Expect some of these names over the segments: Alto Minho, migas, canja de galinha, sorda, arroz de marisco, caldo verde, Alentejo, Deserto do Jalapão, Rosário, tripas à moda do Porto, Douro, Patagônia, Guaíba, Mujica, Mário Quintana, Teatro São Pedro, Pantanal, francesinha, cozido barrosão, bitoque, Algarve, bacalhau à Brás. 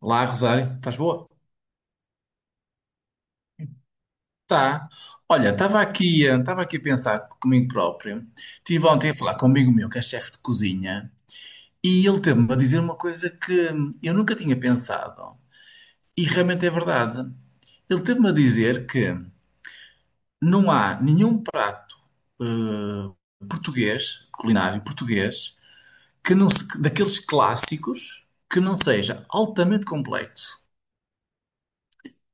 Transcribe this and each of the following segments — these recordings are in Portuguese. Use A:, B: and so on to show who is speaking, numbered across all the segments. A: Olá, Rosário, estás boa? Tá. Olha, estava aqui a pensar comigo próprio. Tive ontem a falar com um amigo meu, que é chefe de cozinha, e ele teve-me a dizer uma coisa que eu nunca tinha pensado. E realmente é verdade. Ele teve-me a dizer que não há nenhum prato eh, português, culinário português, que não se- daqueles clássicos que não seja altamente complexo.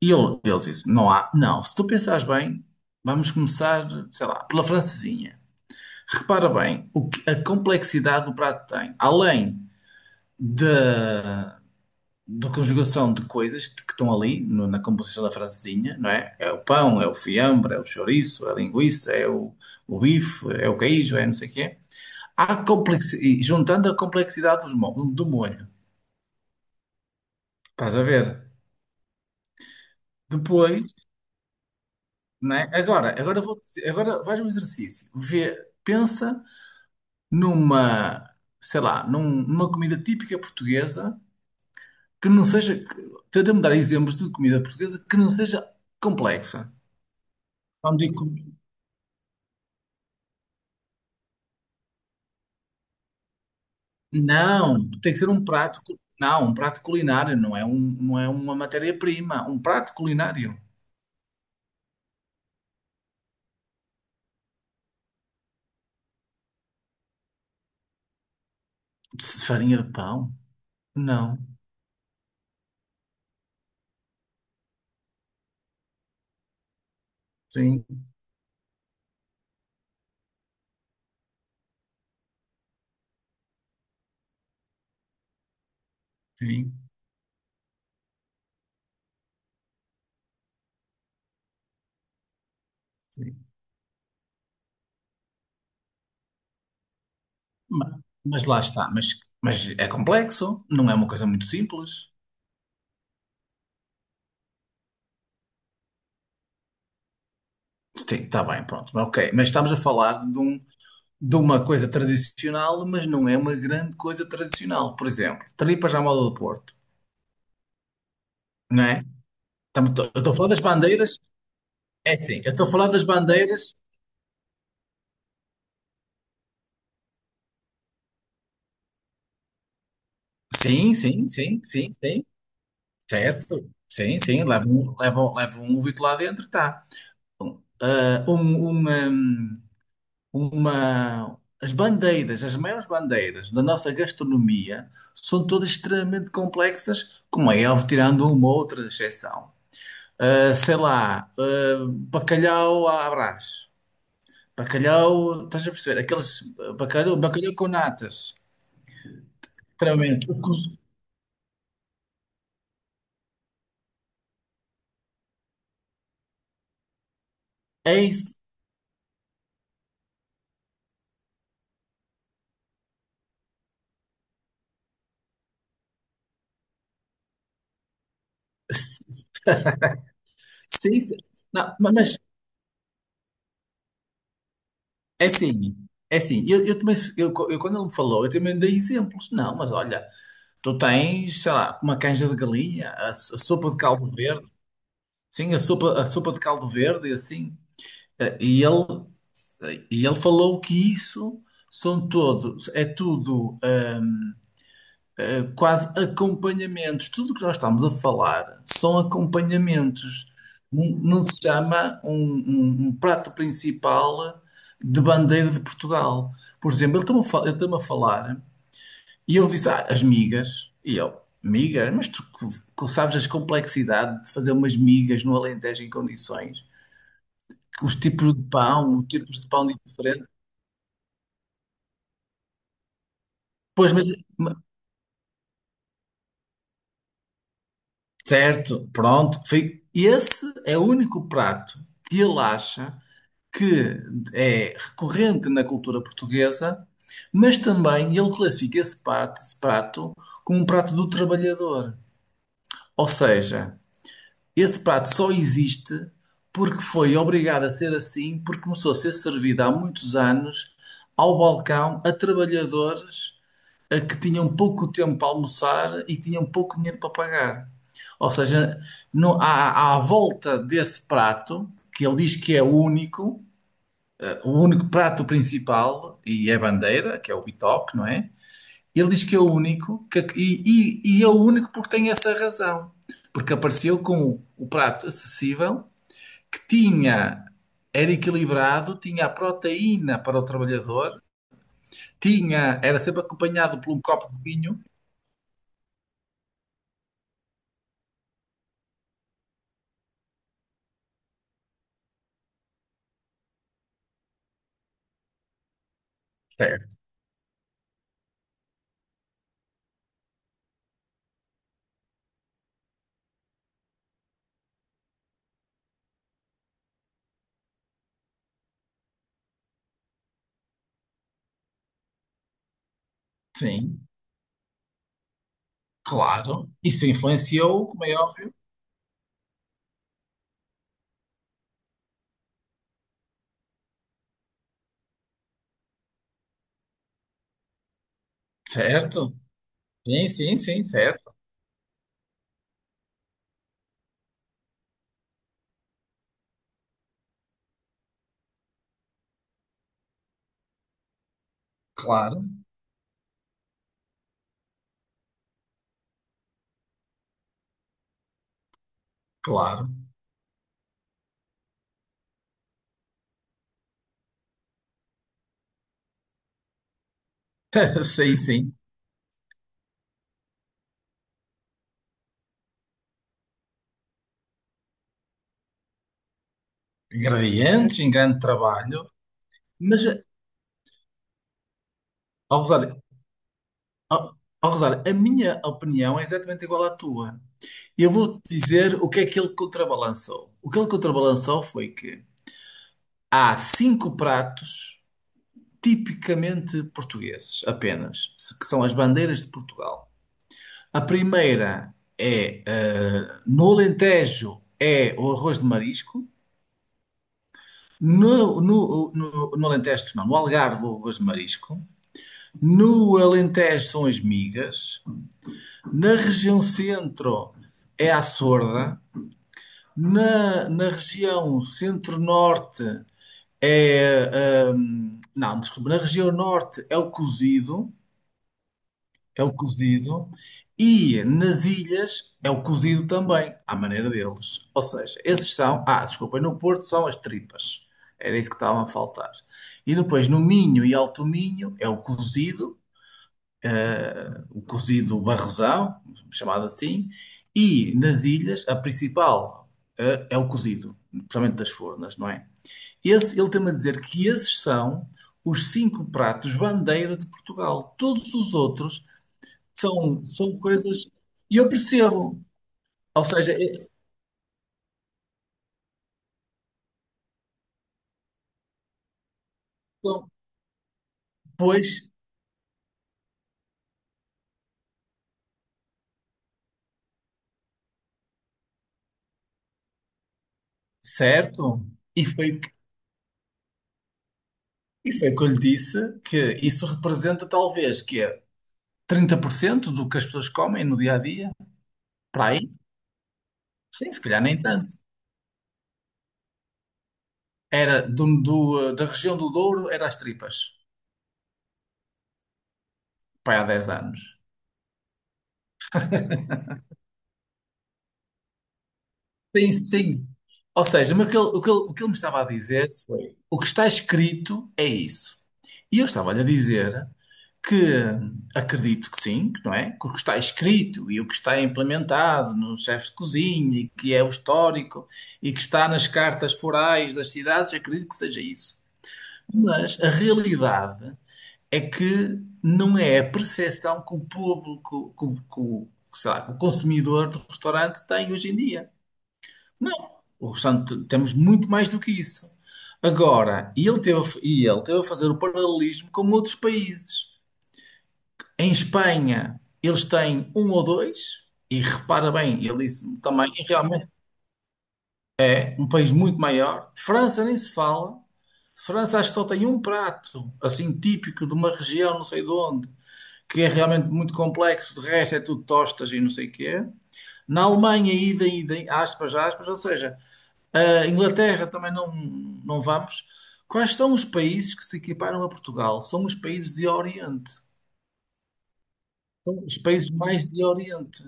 A: E ele disse: não há, não, se tu pensares bem, vamos começar, sei lá, pela francesinha. Repara bem o que, a complexidade do prato tem. Além da, da conjugação de coisas que estão ali na composição da francesinha, não é? É o pão, é o fiambre, é o chouriço, é a linguiça, é o bife, é o queijo, é não sei o quê. Há complexidade, juntando a complexidade do molho. Estás a ver? Depois, não é? Agora faz um exercício. Vê, pensa. Numa, sei lá, num- Numa comida típica portuguesa que não seja, tenta-me dar exemplos de comida portuguesa que não seja complexa. Quando digo, não, tem que ser um prato, cu- não, um prato culinário, não é uma matéria-prima, um prato culinário. De Farinha de pão? Não. Sim, sim, sim. Ma- Mas, lá está, mas é complexo, não é uma coisa muito simples. Sim, está bem, pronto, ok. Mas estamos a falar de uma coisa tradicional, mas não é uma grande coisa tradicional. Por exemplo, tripas à moda do Porto, não é? Eu estou a falar das bandeiras, é sim, eu estou a falar das bandeiras, sim, sim, sim, sim, sim, certo, sim, sim, levam um ovito lá dentro, tá. Ah, as bandeiras, as maiores bandeiras da nossa gastronomia são todas extremamente complexas, como é óbvio, tirando uma outra exceção. Ah, sei lá, ah, bacalhau à Brás. Bacalhau, estás a perceber? Bacalhau com natas. Literalmente. É isso. Sim, sim. Não, mas é assim. É assim. Eu também, quando ele me falou, eu também dei exemplos. Não, mas olha, tu tens, sei lá, uma canja de galinha, a sopa de caldo verde. Sim, a sopa de caldo verde, e assim. Ah, e ele falou que isso são todos, é tudo. Quase acompanhamentos. Tudo o que nós estamos a falar são acompanhamentos. Não, não se chama um prato principal de bandeira de Portugal. Por exemplo, ele está-me a falar e eu disse, ah, as migas. E eu, migas? Mas tu sabes as complexidades de fazer umas migas no Alentejo em condições? Os tipos de pão, os tipos de pão diferente. Pois, mas ma- certo, pronto. Foi, esse é o único prato que ele acha que é recorrente na cultura portuguesa, mas também ele classifica esse prato como um prato do trabalhador. Ou seja, esse prato só existe porque foi obrigado a ser assim, porque começou a ser servido há muitos anos ao balcão a trabalhadores a que tinham pouco tempo para almoçar e tinham pouco dinheiro para pagar. Ou seja, não, à volta desse prato, que ele diz que é único, o único prato principal, e é bandeira, que é o bitoque, não é? Ele diz que é o único, e é o único porque tem essa razão. Porque apareceu com o prato acessível, que tinha, era equilibrado, tinha a proteína para o trabalhador, tinha, era sempre acompanhado por um copo de vinho. Certo. Sim, claro. Isso influenciou, como é óbvio. Certo. Sim, sim, sim, certo. Claro, claro. Sim, sim. Ingredientes, em grande trabalho, mas, ó Rosário, ó, Rosário, a minha opinião é exatamente igual à tua. Eu vou-te dizer o que é que ele contrabalançou. O que ele contrabalançou foi que há cinco pratos tipicamente portugueses, apenas, que são as bandeiras de Portugal. A primeira é, no Alentejo, é o arroz de marisco. No Alentejo, não, no Algarve, é o arroz de marisco. No Alentejo são as migas, na região centro é a sorda, na região centro-norte é. Não, desculpa, na região norte é o cozido, e nas ilhas é o cozido também, à maneira deles. Ou seja, esses são. Ah, desculpa, no Porto são as tripas, era isso que estava a faltar. E depois no Minho e Alto Minho é o cozido barrosão, chamado assim, e nas ilhas, a principal é o cozido, principalmente das fornas, não é? Esse, ele tem-me a dizer que esses são os cinco pratos bandeira de Portugal. Todos os outros são coisas. E eu percebo. Ou seja, então, pois, certo? E foi, foi que eu lhe disse que isso representa talvez que é 30% do que as pessoas comem no dia a dia, para aí. Sim, se calhar nem tanto. Era da região do Douro, era as tripas. Pai, há 10 anos. Sim, sim. Ou seja, mas o que ele, o que ele, o que ele me estava a dizer foi: o que está escrito é isso. E eu estava-lhe a dizer que acredito que sim, que não é? Que o que está escrito e o que está implementado no chefe de cozinha, e que é o histórico e que está nas cartas forais das cidades, eu acredito que seja isso. Mas a realidade é que não é a percepção que o público, sei lá, que o consumidor do restaurante tem hoje em dia. Não. O restaurante temos muito mais do que isso. Agora, e ele teve a fazer o paralelismo com outros países. Em Espanha, eles têm um ou dois, e repara bem, ele disse também, e realmente é um país muito maior. França nem se fala. França acho que só tem um prato, assim, típico de uma região, não sei de onde. Que é realmente muito complexo, de resto é tudo tostas e não sei o que é. Na Alemanha, ida, ida, aspas, aspas, ou seja, a Inglaterra também não, não vamos. Quais são os países que se equiparam a Portugal? São os países de Oriente. São os países mais de Oriente.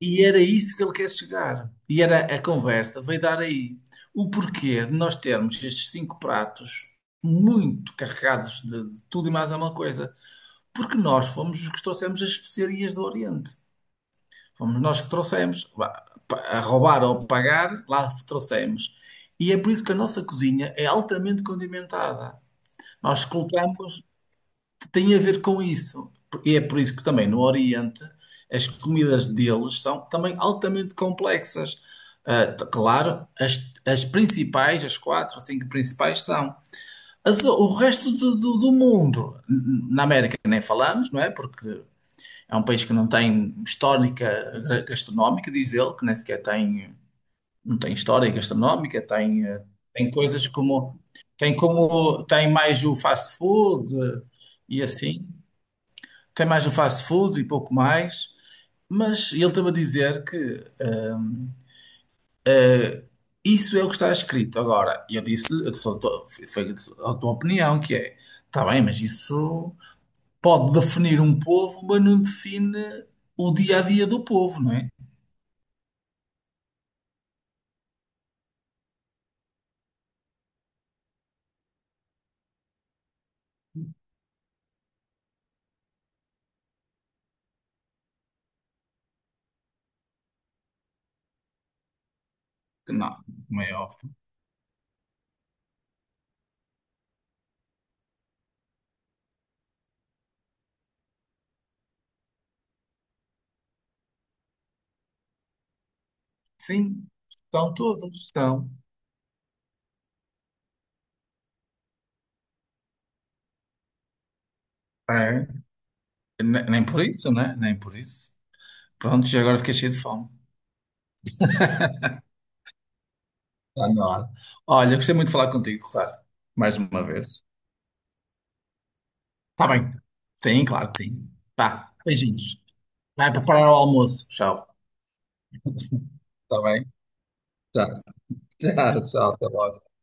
A: E era isso que ele quer chegar. E era a conversa, veio dar aí. O porquê de nós termos estes cinco pratos muito carregados de tudo e mais alguma coisa. Porque nós fomos os que trouxemos as especiarias do Oriente. Fomos nós que trouxemos, vá, a roubar ou pagar, lá trouxemos. E é por isso que a nossa cozinha é altamente condimentada. Nós colocamos, tem a ver com isso. E é por isso que também no Oriente as comidas deles são também altamente complexas. Ah, claro, as principais, as quatro ou cinco principais são. O resto do mundo, na América nem falamos, não é? Porque é um país que não tem histórica gastronómica, diz ele, que nem sequer tem, não tem história gastronómica, tem coisas como tem mais o fast food e assim, tem mais o fast food e pouco mais, mas ele estava a dizer que eh, isso é o que está escrito. Agora, e eu disse, foi a tua opinião, que é, está bem, mas isso pode definir um povo, mas não define o dia a dia do povo, não é? Que não, como é óbvio. Sim, são todos, são. É. Nem por isso, né? Nem por isso. Pronto, já agora fiquei cheio de fome. Está na hora. Olha, gostei muito de falar contigo, Rosário. Mais uma vez. Está bem. Sim, claro que sim. Vá, beijinhos. Vai preparar o almoço. Tchau. Está bem? Tchau. Tchau, tchau. Até logo.